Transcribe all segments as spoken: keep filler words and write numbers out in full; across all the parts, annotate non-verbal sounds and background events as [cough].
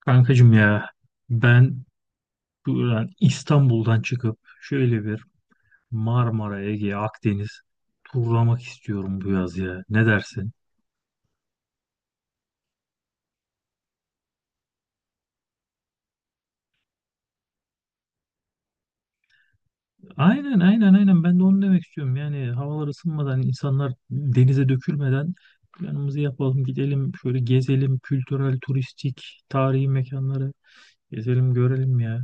Kankacım ya ben buradan İstanbul'dan çıkıp şöyle bir Marmara, Ege, Akdeniz turlamak istiyorum bu yaz ya. Ne dersin? Aynen aynen aynen ben de onu demek istiyorum. Yani havalar ısınmadan insanlar denize dökülmeden planımızı yapalım gidelim şöyle gezelim kültürel, turistik, tarihi mekanları gezelim görelim ya.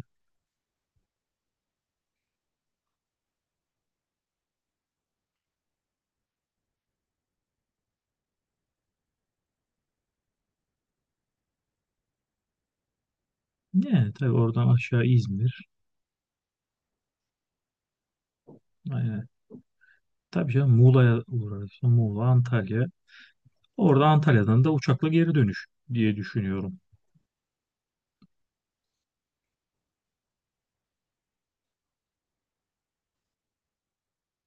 Ne tabii oradan aşağı İzmir. Aynen. Tabii canım Muğla'ya uğrarız. Muğla, Antalya. Orada Antalya'dan da uçakla geri dönüş diye düşünüyorum.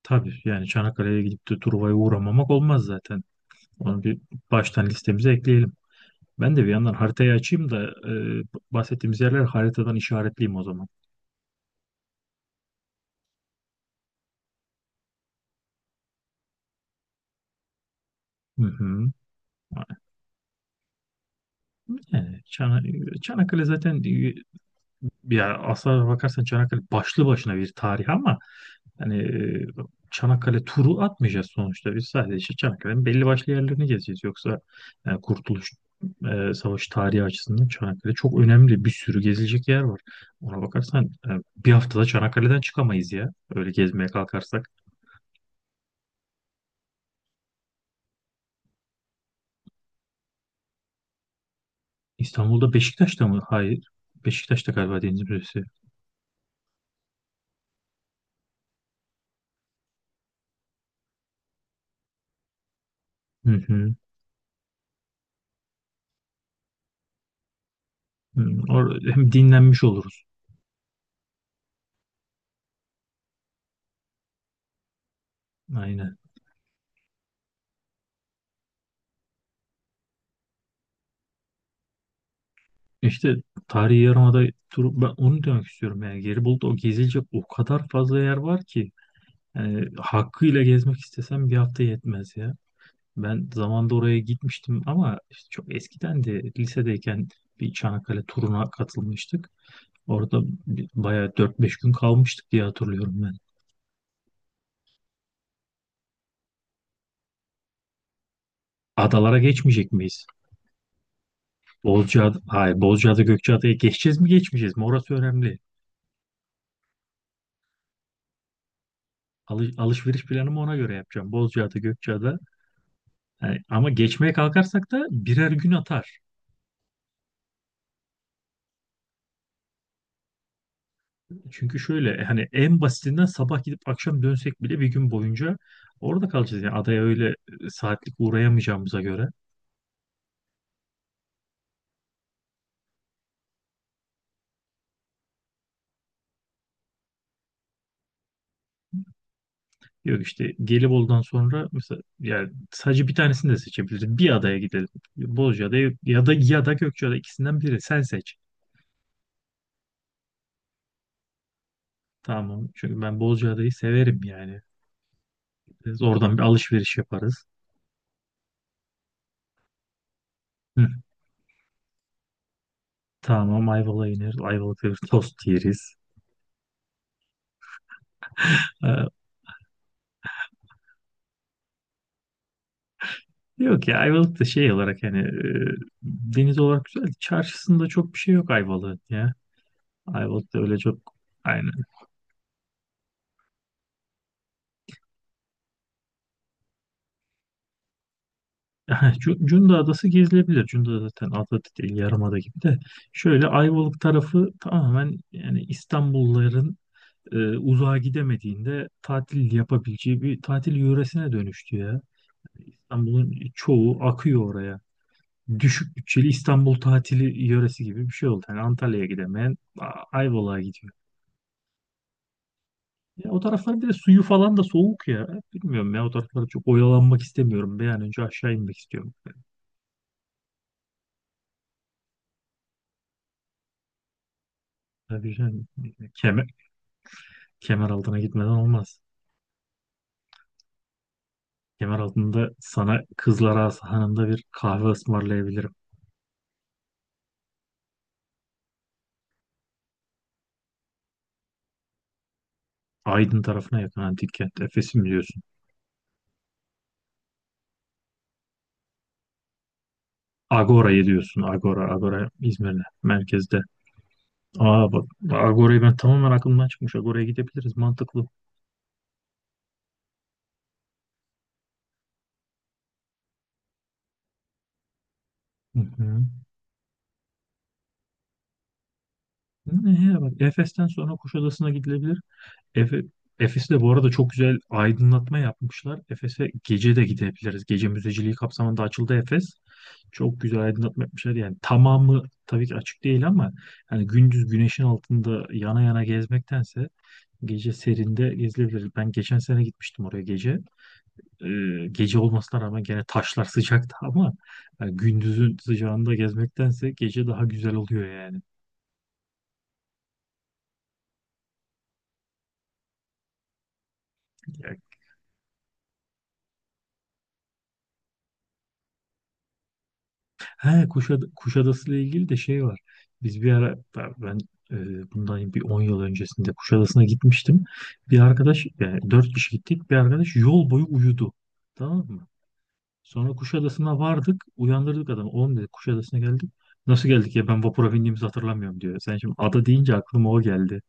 Tabii yani Çanakkale'ye gidip de Truva'ya uğramamak olmaz zaten. Onu bir baştan listemize ekleyelim. Ben de bir yandan haritayı açayım da e, bahsettiğimiz yerler haritadan işaretleyeyim o zaman. Hı hı. Yani Çana- Çanakkale zaten e, ya aslına bakarsan Çanakkale başlı başına bir tarih ama hani e, Çanakkale turu atmayacağız sonuçta. Biz sadece işte Çanakkale'nin belli başlı yerlerini gezeceğiz. Yoksa e, Kurtuluş e, Savaşı tarihi açısından Çanakkale çok önemli. Bir sürü gezilecek yer var. Ona bakarsan e, bir haftada Çanakkale'den çıkamayız ya. Öyle gezmeye kalkarsak. İstanbul'da Beşiktaş'ta mı? Hayır. Beşiktaş'ta galiba Deniz Müzesi. Hı hı. Hı. Or- hem dinlenmiş oluruz. Aynen. İşte tarihi yarımada turu, ben onu demek istiyorum yani Gelibolu'da o gezilecek o kadar fazla yer var ki. Yani hakkıyla gezmek istesem bir hafta yetmez ya. Ben zamanda oraya gitmiştim ama işte çok eskiden de lisedeyken bir Çanakkale turuna katılmıştık. Orada bir- bayağı dört beş gün kalmıştık diye hatırlıyorum ben. Adalara geçmeyecek miyiz? Bozcaada, hayır Bozcaada Gökçeada'ya geçeceğiz mi geçmeyeceğiz mi? Orası önemli. Alış, alışveriş planımı ona göre yapacağım. Bozcaada Gökçeada. Yani ama geçmeye kalkarsak da birer gün atar. Çünkü şöyle e, hani en basitinden sabah gidip akşam dönsek bile bir gün boyunca orada kalacağız. Yani adaya öyle e, saatlik uğrayamayacağımıza göre. Yok işte Gelibolu'dan sonra mesela yani sadece bir tanesini de seçebiliriz. Bir adaya gidelim. Bozcaada ya da ya da Gökçeada ikisinden biri. Sen seç. Tamam. Çünkü ben Bozcaada'yı severim yani. Biz oradan bir alışveriş yaparız. Hı. Tamam Ayvalık'a ineriz. Ayvalık'ta bir tost yeriz. Ee, Yok ya Ayvalık da şey olarak hani e, deniz olarak güzel. Çarşısında çok bir şey yok Ayvalık'ın ya. Ayvalık'ta öyle çok aynen. [laughs] Cu- Cunda Adası gezilebilir. Cunda zaten ada değil yarımada gibi de. Şöyle Ayvalık tarafı tamamen yani İstanbulluların e, uzağa gidemediğinde tatil yapabileceği bir tatil yöresine dönüştü ya. İstanbul'un çoğu akıyor oraya. Düşük bütçeli İstanbul tatili yöresi gibi bir şey oldu. Yani Antalya'ya gidemeyen A- Ayvalık'a gidiyor. Ya o tarafların bir de suyu falan da soğuk ya. Bilmiyorum ya o taraflarda çok oyalanmak istemiyorum. Bir an önce aşağı inmek istiyorum. Tabii yani kemer, kemer altına gitmeden olmaz. Kemer altında sana Kızlar Ağası Hanı'nda bir kahve ısmarlayabilirim. Aydın tarafına yakın antik kent. Efes'i mi diyorsun? Agora'yı diyorsun. Agora, Agora İzmir'de, merkezde. Aa bak, Agora'yı ben tamamen aklımdan çıkmış. Agora'ya gidebiliriz, mantıklı. Hı hı. Ne ya bak, Efes'ten sonra Kuşadası'na gidilebilir. Efe, Efes'te bu arada çok güzel aydınlatma yapmışlar. Efes'e gece de gidebiliriz. Gece müzeciliği kapsamında açıldı Efes. Çok güzel aydınlatma yapmışlar. Yani tamamı tabii ki açık değil ama yani gündüz güneşin altında yana yana gezmektense gece serinde gezilebilir. Ben geçen sene gitmiştim oraya gece. Ee, gece olmasına rağmen gene taşlar [laughs] sıcaktı ama yani gündüzün sıcağında gezmektense gece daha güzel oluyor yani. Ya he, Kuşad Kuşadası ile ilgili de şey var. Biz bir ara ben ben, e, bundan bir on yıl öncesinde Kuşadası'na gitmiştim. Bir arkadaş yani dört kişi gittik. Bir arkadaş yol boyu uyudu. Tamam mı? Sonra Kuşadası'na vardık. Uyandırdık adamı. Oğlum dedi Kuşadası'na geldik. Nasıl geldik ya ben vapura bindiğimizi hatırlamıyorum diyor. Sen şimdi ada deyince aklıma o geldi.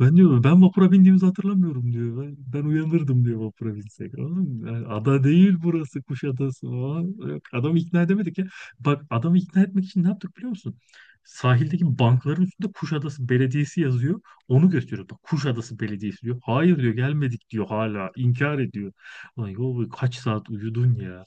Ben diyorum ben vapura bindiğimizi hatırlamıyorum diyor. Ben, ben uyanırdım diyor vapura binsek. Anladın mı? Yani ada değil burası Kuşadası falan. Yok, adamı ikna edemedik ya. Bak adamı ikna etmek için ne yaptık biliyor musun? Sahildeki bankların üstünde Kuşadası Belediyesi yazıyor. Onu gösteriyor. Bak Kuşadası Belediyesi diyor. Hayır diyor gelmedik diyor hala. İnkar ediyor. Ulan yol kaç saat uyudun ya.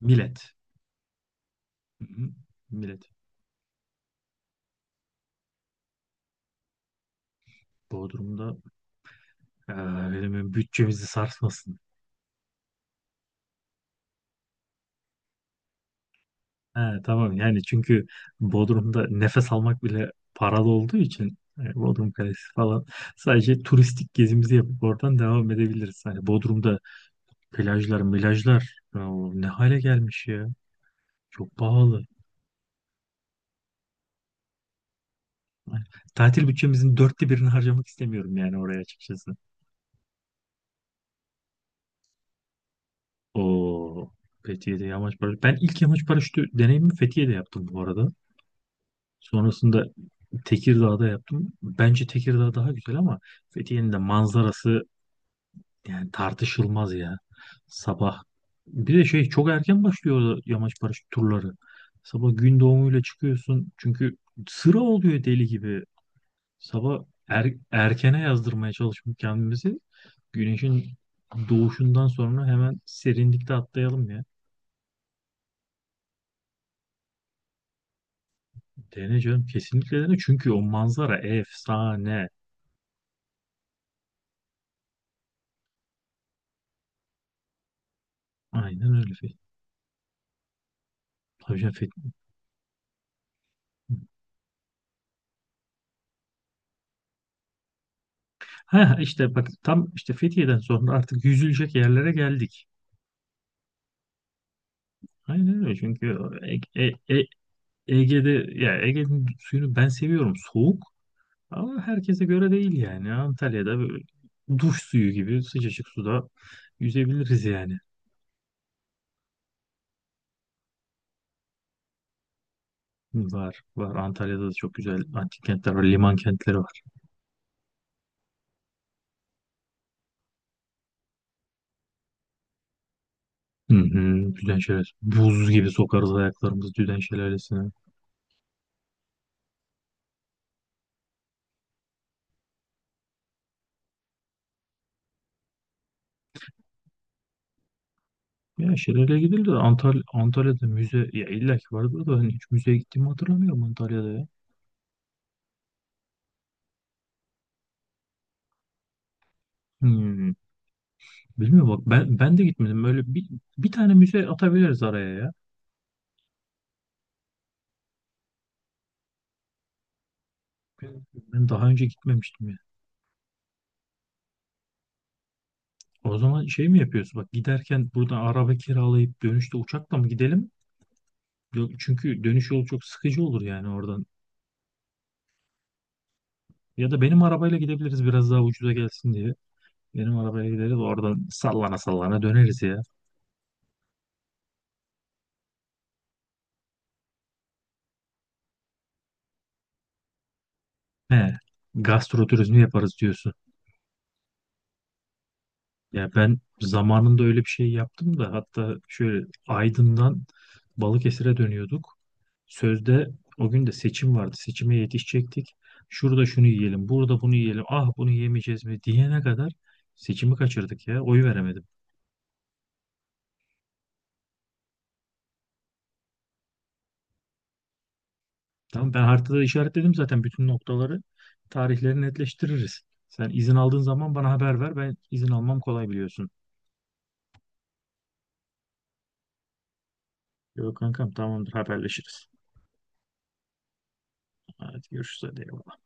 Millet. Hı hı. Millet. Bodrum'da eee, benim bütçemizi sarsmasın. He, tamam yani çünkü Bodrum'da nefes almak bile paralı olduğu için e, Bodrum Kalesi falan sadece turistik gezimizi yapıp oradan devam edebiliriz. Hani Bodrum'da plajlar, milajlar ya ne hale gelmiş ya. Çok pahalı. Yani tatil bütçemizin dörtte birini harcamak istemiyorum yani oraya açıkçası. O Fethiye'de yamaç paraşütü. Ben ilk yamaç paraşütü deneyimi Fethiye'de yaptım bu arada. Sonrasında Tekirdağ'da yaptım. Bence Tekirdağ daha güzel ama Fethiye'nin de manzarası yani tartışılmaz ya. Sabah. Bir de şey çok erken başlıyor yamaç paraşüt turları. Sabah gün doğumuyla çıkıyorsun. Çünkü sıra oluyor deli gibi. Sabah er- erkene yazdırmaya çalışmış kendimizi. Güneşin doğuşundan sonra hemen serinlikte atlayalım ya. Dene canım kesinlikle dene. Çünkü o manzara efsane. Aynen öyle. Fe- Tabii canım, Fe- ha işte bak tam işte Fethiye'den sonra artık yüzülecek yerlere geldik. Aynen öyle çünkü E- E- E- Ege'de ya Ege'nin suyunu ben seviyorum soğuk ama herkese göre değil yani Antalya'da böyle duş suyu gibi sıcacık suda yüzebiliriz yani. Var var Antalya'da da çok güzel antik kentler var liman kentleri var. Hı hı, Düden Şelalesi buz gibi sokarız ayaklarımızı Düden Şelalesi'ne. Ya şelale gidilir de Antal Antalya'da müze ya illa ki vardır da hani hiç müzeye gittiğimi hatırlamıyorum Antalya'da ya. Hı. Bilmiyorum bak ben ben de gitmedim. Böyle bir bir tane müze atabiliriz araya ya. Ben ben daha önce gitmemiştim ya. O zaman şey mi yapıyorsun? Bak giderken buradan araba kiralayıp dönüşte uçakla mı gidelim? Yo- Çünkü dönüş yolu çok sıkıcı olur yani oradan. Ya da benim arabayla gidebiliriz biraz daha ucuza gelsin diye. Benim arabaya gideriz oradan sallana sallana döneriz ya. He, gastro turizmi yaparız diyorsun. Ya ben zamanında öyle bir şey yaptım da hatta şöyle Aydın'dan Balıkesir'e dönüyorduk. Sözde o gün de seçim vardı. Seçime yetişecektik. Şurada şunu yiyelim, burada bunu yiyelim. Ah bunu yemeyeceğiz mi diyene kadar seçimi kaçırdık ya. Oy veremedim. Tamam ben haritada işaretledim zaten bütün noktaları. Tarihleri netleştiririz. Sen izin aldığın zaman bana haber ver. Ben izin almam kolay biliyorsun. Yok kankam tamamdır haberleşiriz. Hadi görüşürüz hadi.